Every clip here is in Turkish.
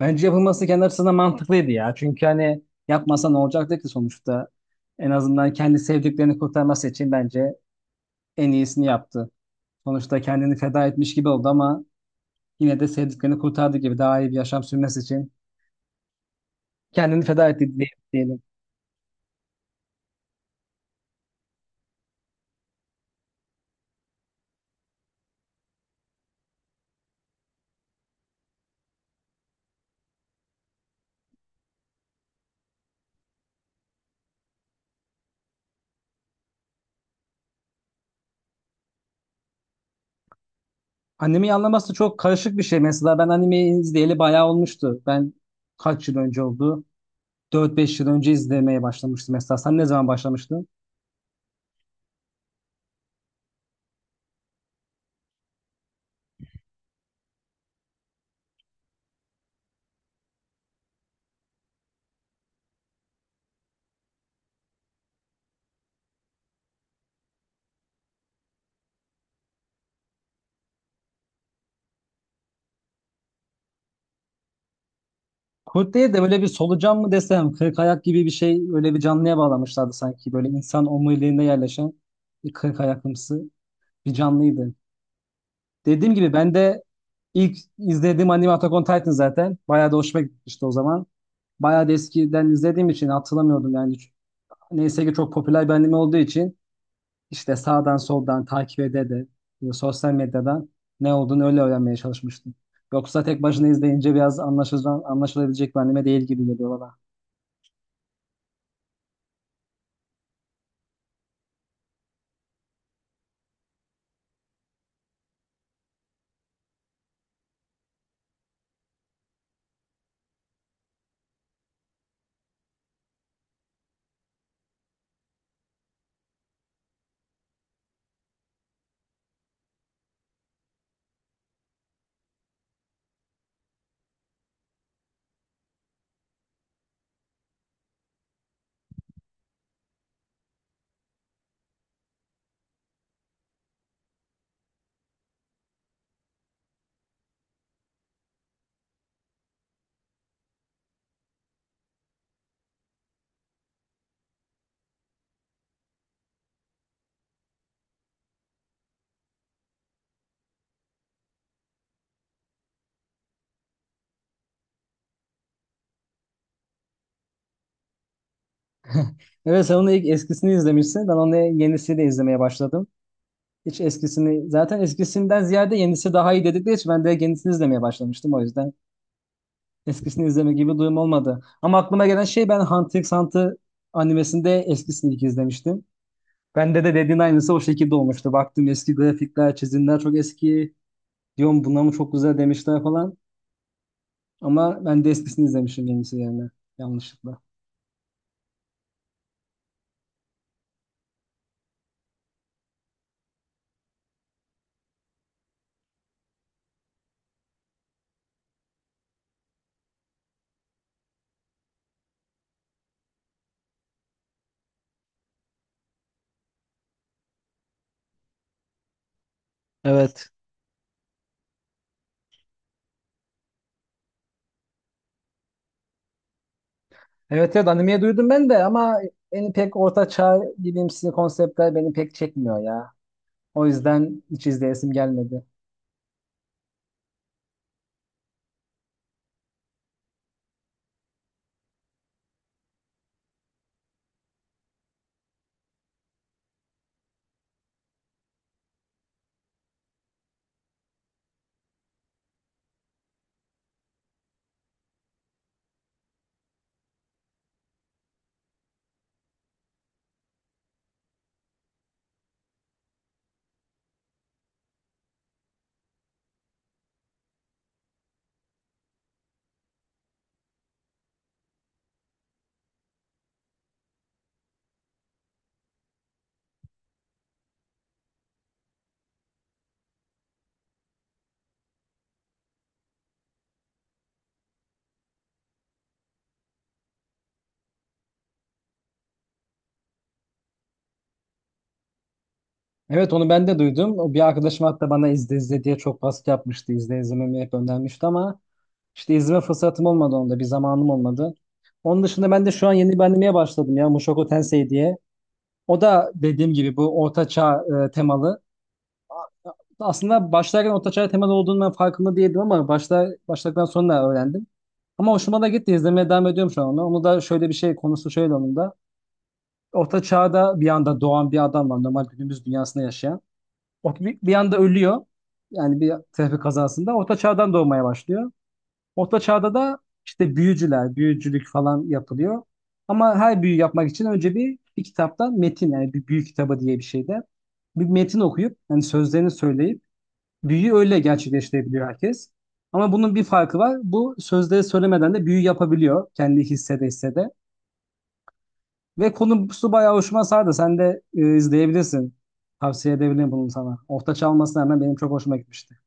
Bence yapılması kendi açısından mantıklıydı ya. Çünkü hani yapmasa ne olacaktı ki sonuçta? En azından kendi sevdiklerini kurtarması için bence en iyisini yaptı. Sonuçta kendini feda etmiş gibi oldu ama yine de sevdiklerini kurtardı gibi daha iyi bir yaşam sürmesi için kendini feda etti diyelim. Animeyi anlaması çok karışık bir şey. Mesela ben animeyi izleyeli bayağı olmuştu. Ben kaç yıl önce oldu? 4-5 yıl önce izlemeye başlamıştım mesela. Sen ne zaman başlamıştın? Kurt değil de böyle bir solucan mı desem, kırk ayak gibi bir şey öyle bir canlıya bağlamışlardı sanki. Böyle insan omuriliğinde yerleşen bir kırk ayaklımsı bir canlıydı. Dediğim gibi ben de ilk izlediğim anime Attack on Titan zaten. Bayağı da hoşuma gitmişti o zaman. Bayağı da eskiden izlediğim için hatırlamıyordum yani. Neyse ki çok popüler bir anime olduğu için işte sağdan soldan takip ede de sosyal medyadan ne olduğunu öyle öğrenmeye çalışmıştım. Yoksa tek başına izleyince biraz anlaşılabilecek bir anime değil gibi geliyor bana. Evet sen onun ilk eskisini izlemişsin. Ben onu yenisini de izlemeye başladım. Hiç eskisini zaten eskisinden ziyade yenisi daha iyi dedikleri için ben de yenisini izlemeye başlamıştım o yüzden. Eskisini izleme gibi duyum olmadı. Ama aklıma gelen şey ben Hunter x Hunter animesinde eskisini ilk izlemiştim. Bende de dediğin aynısı o şekilde olmuştu. Baktım eski grafikler, çizimler çok eski. Diyorum buna mı çok güzel demişler falan. Ama ben de eskisini izlemişim yenisi yerine yanlışlıkla. Evet. Evet, evet, animeyi duydum ben de ama beni pek orta çağ bilimsi konseptler beni pek çekmiyor ya. O yüzden hiç izleyesim gelmedi. Evet, onu ben de duydum. O bir arkadaşım hatta bana izle izle diye çok baskı yapmıştı. İzlememi hep önermişti ama işte izleme fırsatım olmadı onda. Bir zamanım olmadı. Onun dışında ben de şu an yeni bir animeye başladım ya Mushoku Tensei diye. O da dediğim gibi bu orta çağ temalı. Aslında başlarken orta çağ temalı olduğunu ben farkında değildim ama başladıktan sonra öğrendim. Ama hoşuma da gitti. İzlemeye devam ediyorum şu an onu. Onu da şöyle bir şey konusu şöyle onun da. Orta çağda bir anda doğan bir adam var. Normal günümüz dünyasında yaşayan. O bir anda ölüyor. Yani bir trafik kazasında. Orta çağdan doğmaya başlıyor. Orta çağda da işte büyücüler, büyücülük falan yapılıyor. Ama her büyü yapmak için önce bir kitaptan metin yani bir büyü kitabı diye bir şeyde bir metin okuyup yani sözlerini söyleyip büyüyü öyle gerçekleştirebiliyor herkes. Ama bunun bir farkı var. Bu sözleri söylemeden de büyü yapabiliyor. Kendi hissede hissede. Ve konusu bayağı hoşuma sardı. Sen de izleyebilirsin. Tavsiye edebilirim bunu sana. Orta çalmasına hemen benim çok hoşuma gitmişti.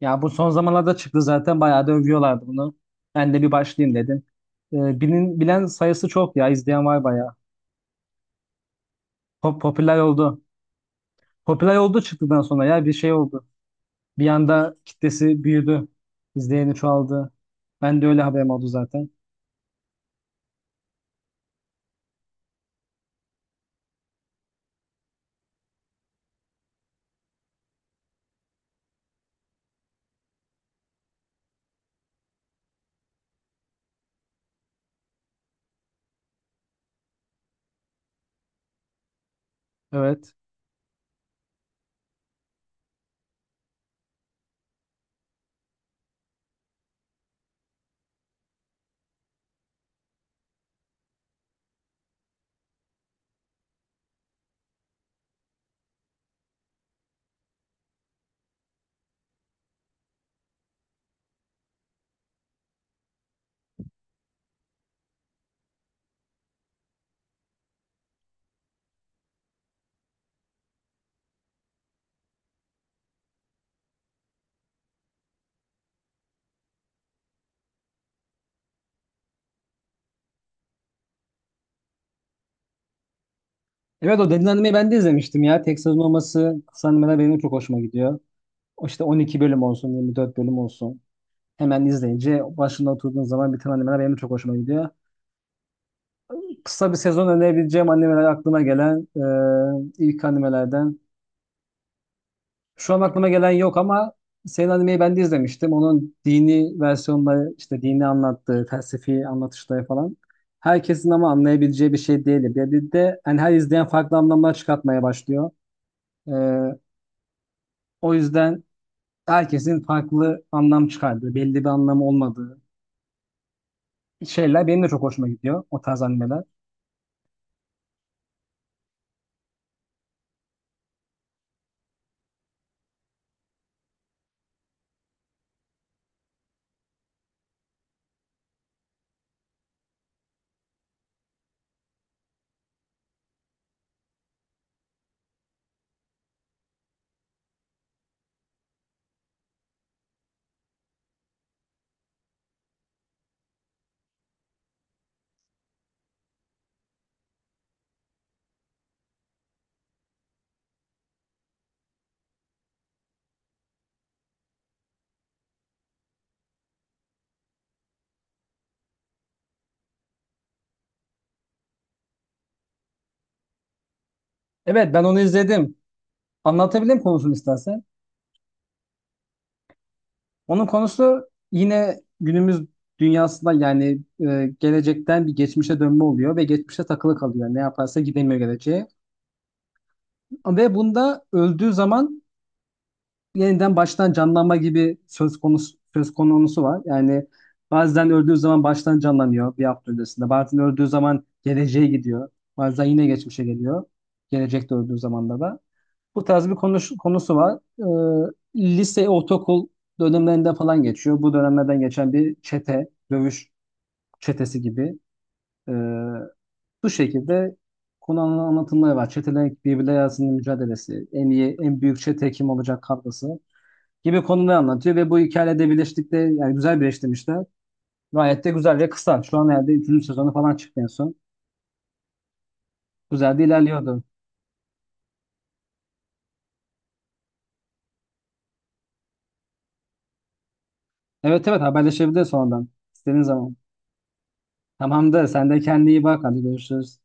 Ya bu son zamanlarda çıktı zaten. Bayağı da övüyorlardı bunu. Ben de bir başlayayım dedim. Bilen sayısı çok ya. İzleyen var bayağı. Popüler oldu. Popüler oldu çıktıktan sonra ya bir şey oldu. Bir anda kitlesi büyüdü. İzleyeni çoğaldı. Ben de öyle haberim oldu zaten. Evet. Evet, o Deniz Anime'yi ben de izlemiştim ya. Tek sezon olması kısa animeler benim çok hoşuma gidiyor. O işte 12 bölüm olsun, 24 bölüm olsun. Hemen izleyince başında oturduğun zaman biten animeler benim çok hoşuma gidiyor. Kısa bir sezon önerebileceğim animeler aklıma gelen ilk animelerden şu an aklıma gelen yok ama senin animeyi ben de izlemiştim. Onun dini versiyonları işte dini anlattığı, felsefi anlatışları falan. Herkesin ama anlayabileceği bir şey değil. Bir de hani her izleyen farklı anlamlar çıkartmaya başlıyor. Ee, O yüzden herkesin farklı anlam çıkardığı, belli bir anlamı olmadığı şeyler benim de çok hoşuma gidiyor o tarz animeler. Evet, ben onu izledim. Anlatabilirim konusunu istersen. Onun konusu yine günümüz dünyasında yani gelecekten bir geçmişe dönme oluyor ve geçmişe takılı kalıyor. Ne yaparsa gidemiyor geleceğe. Ve bunda öldüğü zaman yeniden baştan canlanma gibi söz konusu var. Yani bazen öldüğü zaman baştan canlanıyor bir hafta öncesinde. Bazen öldüğü zaman geleceğe gidiyor. Bazen yine geçmişe geliyor. Gelecekte öldüğü zaman da. Bu tarz bir konusu var. Lise, ortaokul dönemlerinden falan geçiyor. Bu dönemlerden geçen bir çete, dövüş çetesi gibi. Ee, Bu şekilde anlatımları var. Çetelerin birbirleri arasında mücadelesi, en iyi, en büyük çete kim olacak kavgası gibi konuları anlatıyor ve bu hikayede birleştikte yani güzel birleştirmişler. Gayet de güzel ve kısa. Şu an herhalde 3. sezonu falan çıktı en son. Güzel de ilerliyordu. Evet, evet, haberleşebiliriz sonradan. İstediğin zaman. Tamamdır. Sen de kendine iyi bak. Hadi görüşürüz.